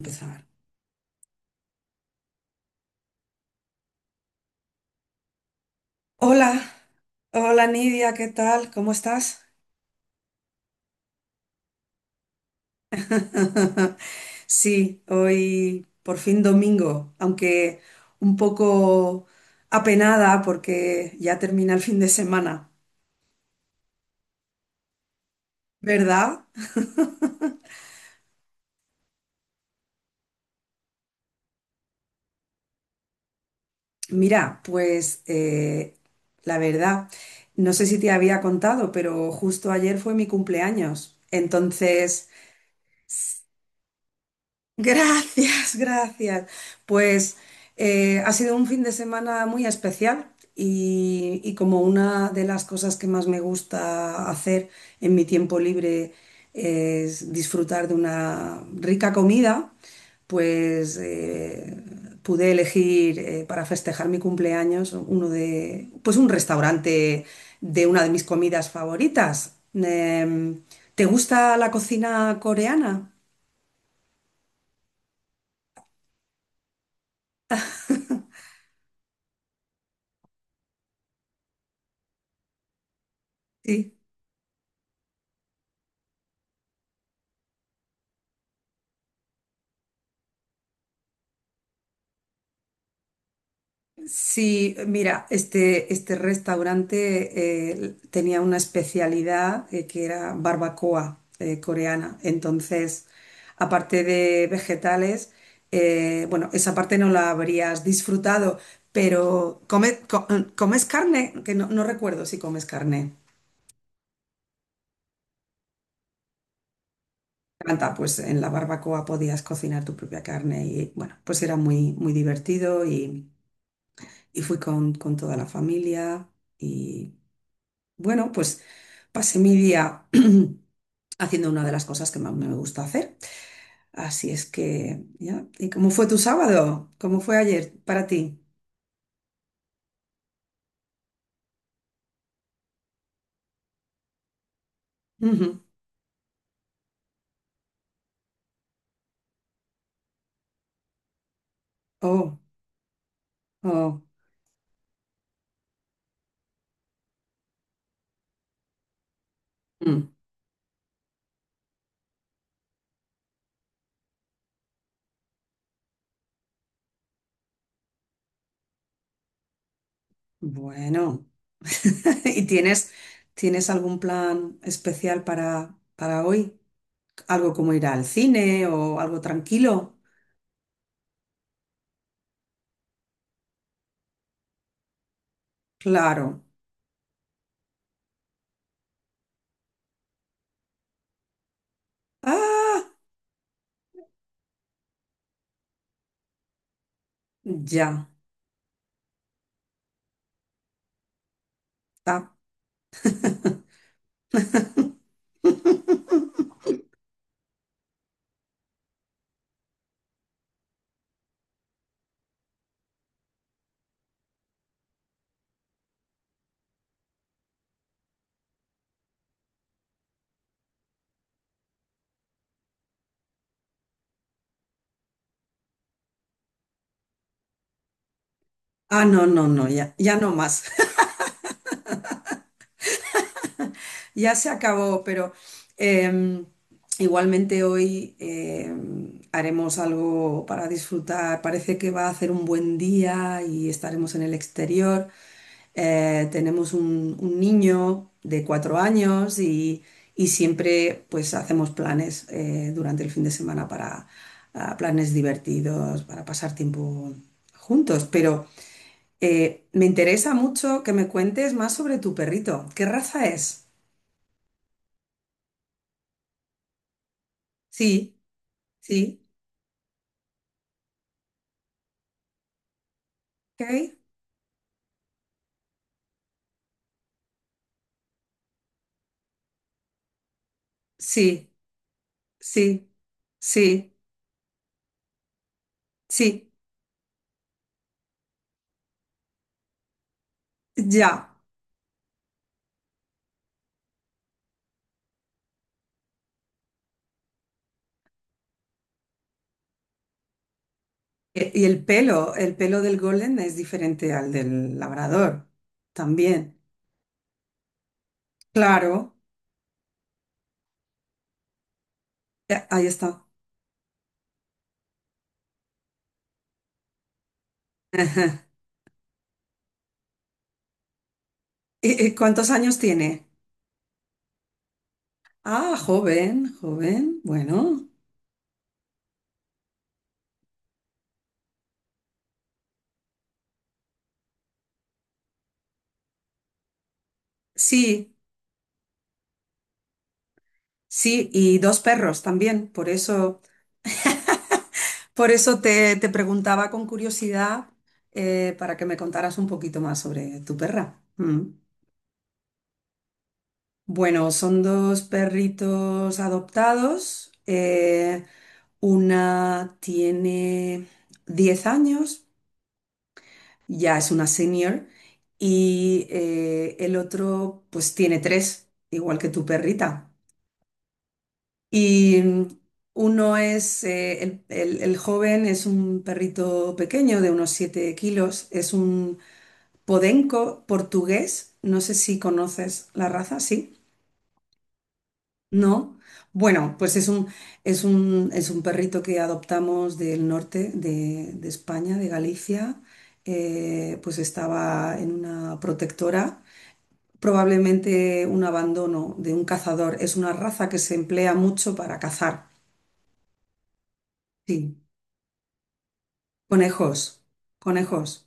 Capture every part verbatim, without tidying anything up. Empezar. Hola, hola Nidia, ¿qué tal? ¿Cómo estás? Sí, hoy por fin domingo, aunque un poco apenada porque ya termina el fin de semana, ¿verdad? Mira, pues eh, la verdad, no sé si te había contado, pero justo ayer fue mi cumpleaños. Entonces, gracias, gracias. Pues eh, ha sido un fin de semana muy especial y, y como una de las cosas que más me gusta hacer en mi tiempo libre es disfrutar de una rica comida, pues eh, pude elegir eh, para festejar mi cumpleaños uno de, pues un restaurante de una de mis comidas favoritas. Em, ¿te gusta la cocina coreana? Sí. Sí, mira, este, este restaurante eh, tenía una especialidad eh, que era barbacoa eh, coreana. Entonces, aparte de vegetales, eh, bueno, esa parte no la habrías disfrutado, pero come- co- ¿comes carne? Que no, no recuerdo si comes carne. Canta, pues en la barbacoa podías cocinar tu propia carne y bueno, pues era muy, muy divertido y, y fui con, con toda la familia y bueno, pues pasé mi día haciendo una de las cosas que más me gusta hacer. Así es que, ya. ¿Y cómo fue tu sábado? ¿Cómo fue ayer para ti? Ujú. Oh, oh. Mm. Bueno. ¿Y tienes, tienes algún plan especial para, para hoy? ¿Algo como ir al cine o algo tranquilo? Claro. Ah, ya. Ah. Ah, no, no, no, ya, ya no más. Ya se acabó, pero em, igualmente hoy em, haremos algo para disfrutar. Parece que va a hacer un buen día y estaremos en el exterior. Eh, tenemos un, un niño de cuatro años y, y siempre pues hacemos planes eh, durante el fin de semana para ah, planes divertidos, para pasar tiempo juntos. Pero eh, me interesa mucho que me cuentes más sobre tu perrito. ¿Qué raza es? Sí. Sí, ok, sí, sí, sí, sí, ya. E- Y el pelo, el pelo del golden es diferente al del labrador, también. Claro, eh, ahí está. Ajá. ¿Y y cuántos años tiene? Ah, joven, joven, bueno. Sí, sí, y dos perros también. Por eso, por eso te, te preguntaba con curiosidad eh, para que me contaras un poquito más sobre tu perra. Mm. Bueno, son dos perritos adoptados. eh, una tiene diez años, ya es una senior, y eh, el otro pues tiene tres, igual que tu perrita. Y mm, uno es, eh, el, el- el joven es un perrito pequeño de unos siete kilos, es un podenco portugués, no sé si conoces la raza, ¿sí? No, bueno, pues es un, es un, es un perrito que adoptamos del norte de, de España, de Galicia. Eh, pues estaba en una protectora, probablemente un abandono de un cazador. Es una raza que se emplea mucho para cazar. Sí, conejos, conejos.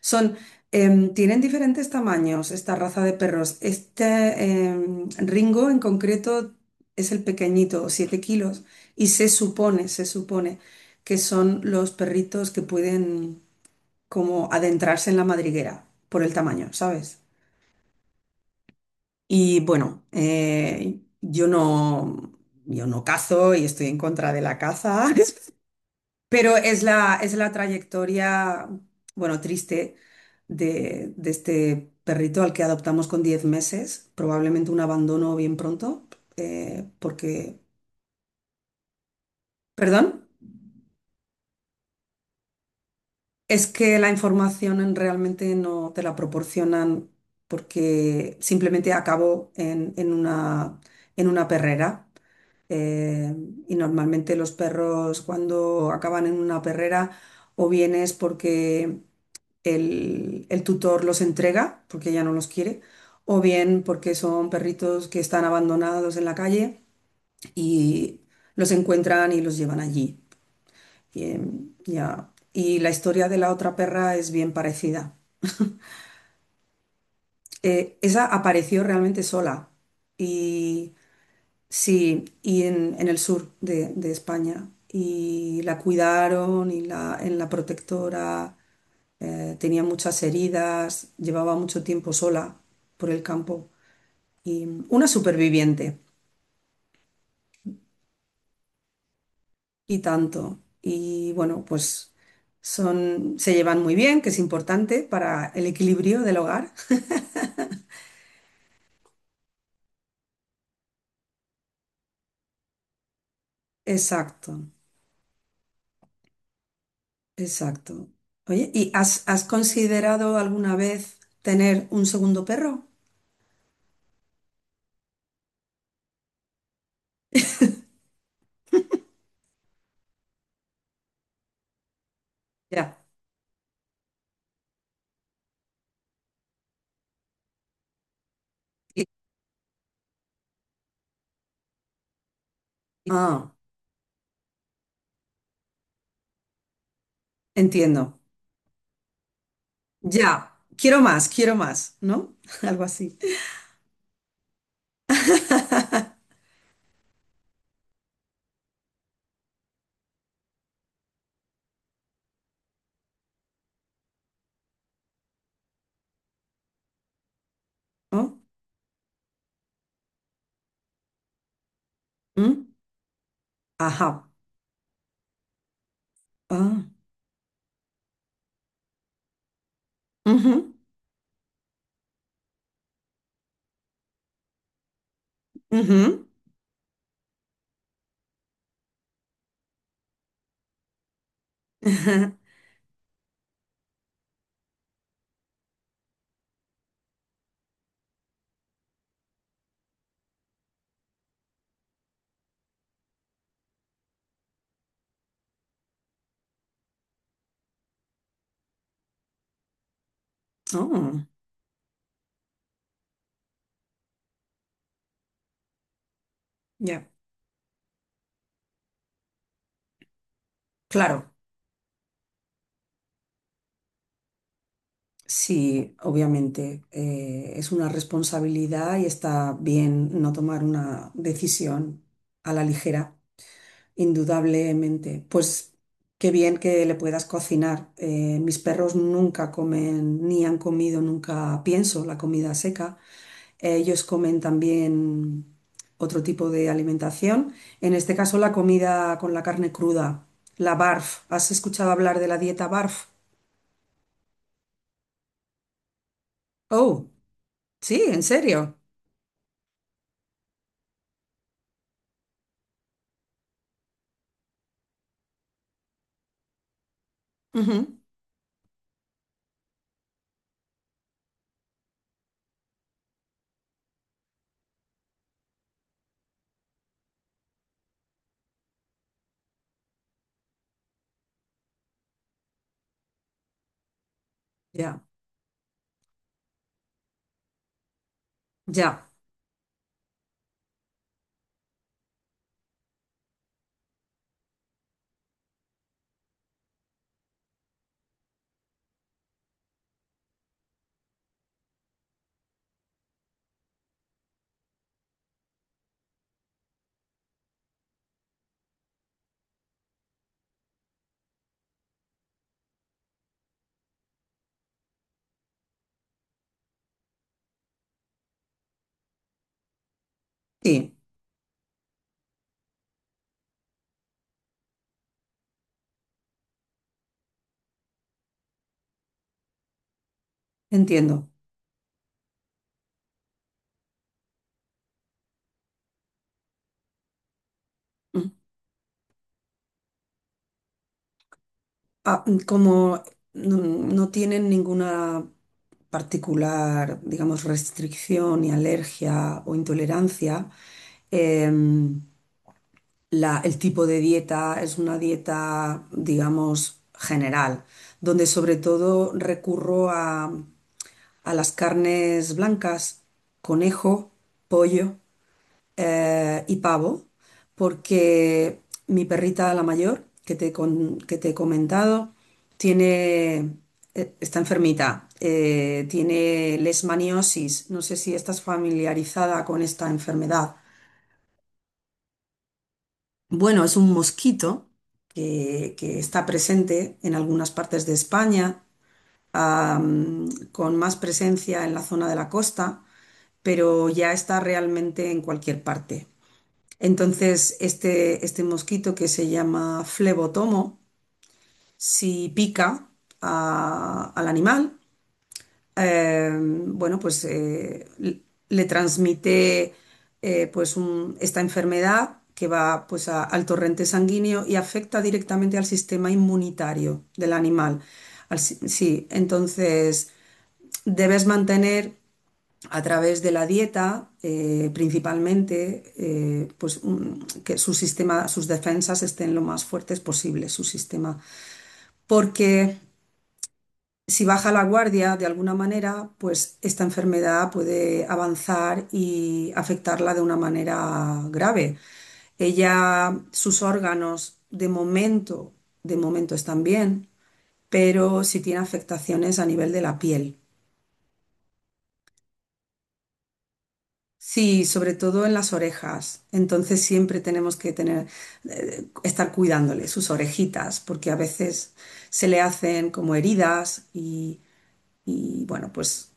Son, em, tienen diferentes tamaños esta raza de perros. Este em, Ringo en concreto es el pequeñito, siete kilos, y se supone, se supone que son los perritos que pueden como adentrarse en la madriguera por el tamaño, ¿sabes? Y bueno, eh, yo no, yo no cazo y estoy en contra de la caza. Pero es la, es la trayectoria, bueno, triste de, de este perrito al que adoptamos con diez meses, probablemente un abandono bien pronto, eh, porque, perdón, es que la información en- realmente no te la proporcionan porque simplemente acabó en, en una, en una perrera. eh, y normalmente los perros cuando acaban en una perrera o bien es porque el, el tutor los entrega porque ya no los quiere, o bien porque son perritos que están abandonados en la calle y los encuentran y los llevan allí. Y, em, ya. Y la historia de la otra perra es bien parecida. Eh, esa apareció realmente sola y sí, y en, en el sur de, de España. Y la cuidaron y la, en la protectora. eh, tenía muchas heridas, llevaba mucho tiempo sola por el campo y una superviviente y tanto. Y bueno, pues son, se llevan muy bien, que es importante para el equilibrio del hogar. Exacto, exacto. Oye, ¿y has, has considerado alguna vez tener un segundo perro? Ya. Y- Ah, entiendo. Ya. Quiero más, quiero más, ¿no? Algo así. ¿No? ¿Mm? Ajá. Ah. Ujú, ujú, ajá. Oh, ya. Claro, sí, obviamente eh, es una responsabilidad y está bien no tomar una decisión a la ligera. Indudablemente. Pues qué bien que le puedas cocinar. Eh, mis perros nunca comen, ni han comido nunca, pienso, la comida seca. Ellos comen también otro tipo de alimentación. En este caso, la comida con la carne cruda, la BARF. ¿Has escuchado hablar de la dieta BARF? Oh, sí, en serio. Ujú, ya, ya, sí, entiendo. Ah, mm, como no, no tienen ninguna particular, digamos, restricción ni alergia o intolerancia, em, la- el tipo de dieta es una dieta, digamos, general, donde sobre todo recurro a, a las carnes blancas, conejo, pollo eh, y pavo, porque mi perrita, la mayor, que te, con- que te he comentado, tiene, eh, está enfermita, eh, tiene leishmaniosis. No sé si estás familiarizada con esta enfermedad. Bueno, es un mosquito que, que está presente en algunas partes de España, am, con más presencia en la zona de la costa, pero ya está realmente en cualquier parte. Entonces, este, este mosquito que se llama flebotomo, si pica a- al animal, eh, bueno, pues eh, le le transmite eh, pues un- esta enfermedad que va pues a- al torrente sanguíneo y afecta directamente al sistema inmunitario del animal. Al si- Sí, entonces debes mantener a través de la dieta, eh, principalmente, eh, pues un- que su sistema, sus defensas estén lo más fuertes posible, su sistema. Porque si baja la guardia de alguna manera, pues esta enfermedad puede avanzar y afectarla de una manera grave. Ella, sus órganos, de momento, de momento están bien, pero sí tiene afectaciones a nivel de la piel. Sí, sobre todo en las orejas. Entonces siempre tenemos que tener, eh, estar cuidándole sus orejitas, porque a veces se le hacen como heridas y, y, bueno, pues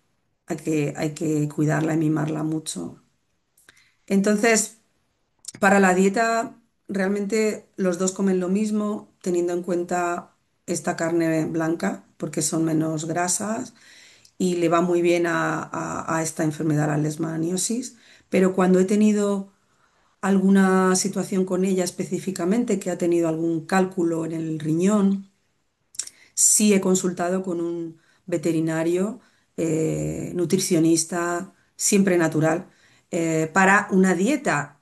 hay que, hay que cuidarla y mimarla mucho. Entonces, para la dieta, realmente los dos comen lo mismo, teniendo en cuenta esta carne blanca, porque son menos grasas y le va muy bien a, a a esta enfermedad, la leishmaniosis. Pero cuando he tenido alguna situación con ella específicamente que ha tenido algún cálculo en el riñón. Sí he consultado con un veterinario, eh, nutricionista, siempre natural, eh, para una dieta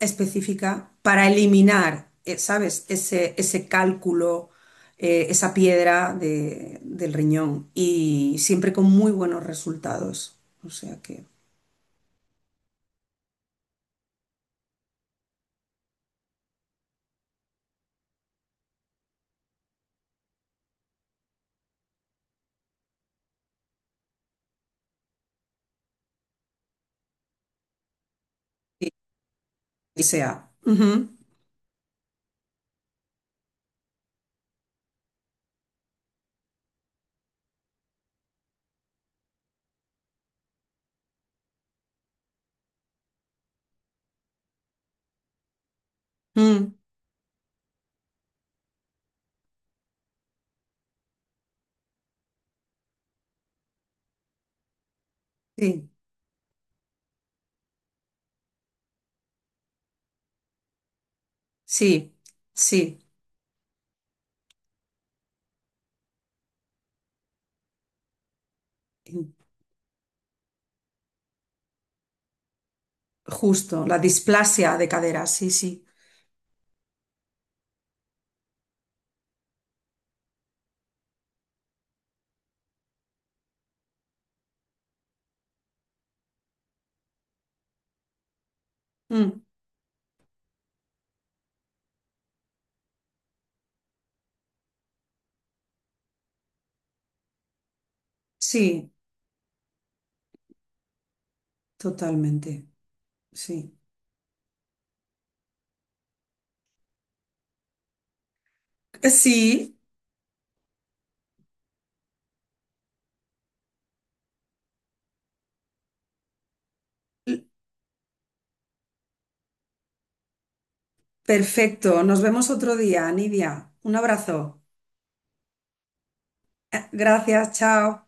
específica para eliminar, eh, ¿sabes?, ese, ese cálculo, eh, esa piedra de- del riñón y siempre con muy buenos resultados. O sea que, sí, que sea. Ujú, mm, sí. Sí, sí, justo, la displasia de cadera, sí, sí. Mm, sí, totalmente, sí. Eh, Sí, perfecto. Nos vemos otro día, Nidia. Un abrazo. Gracias, chao.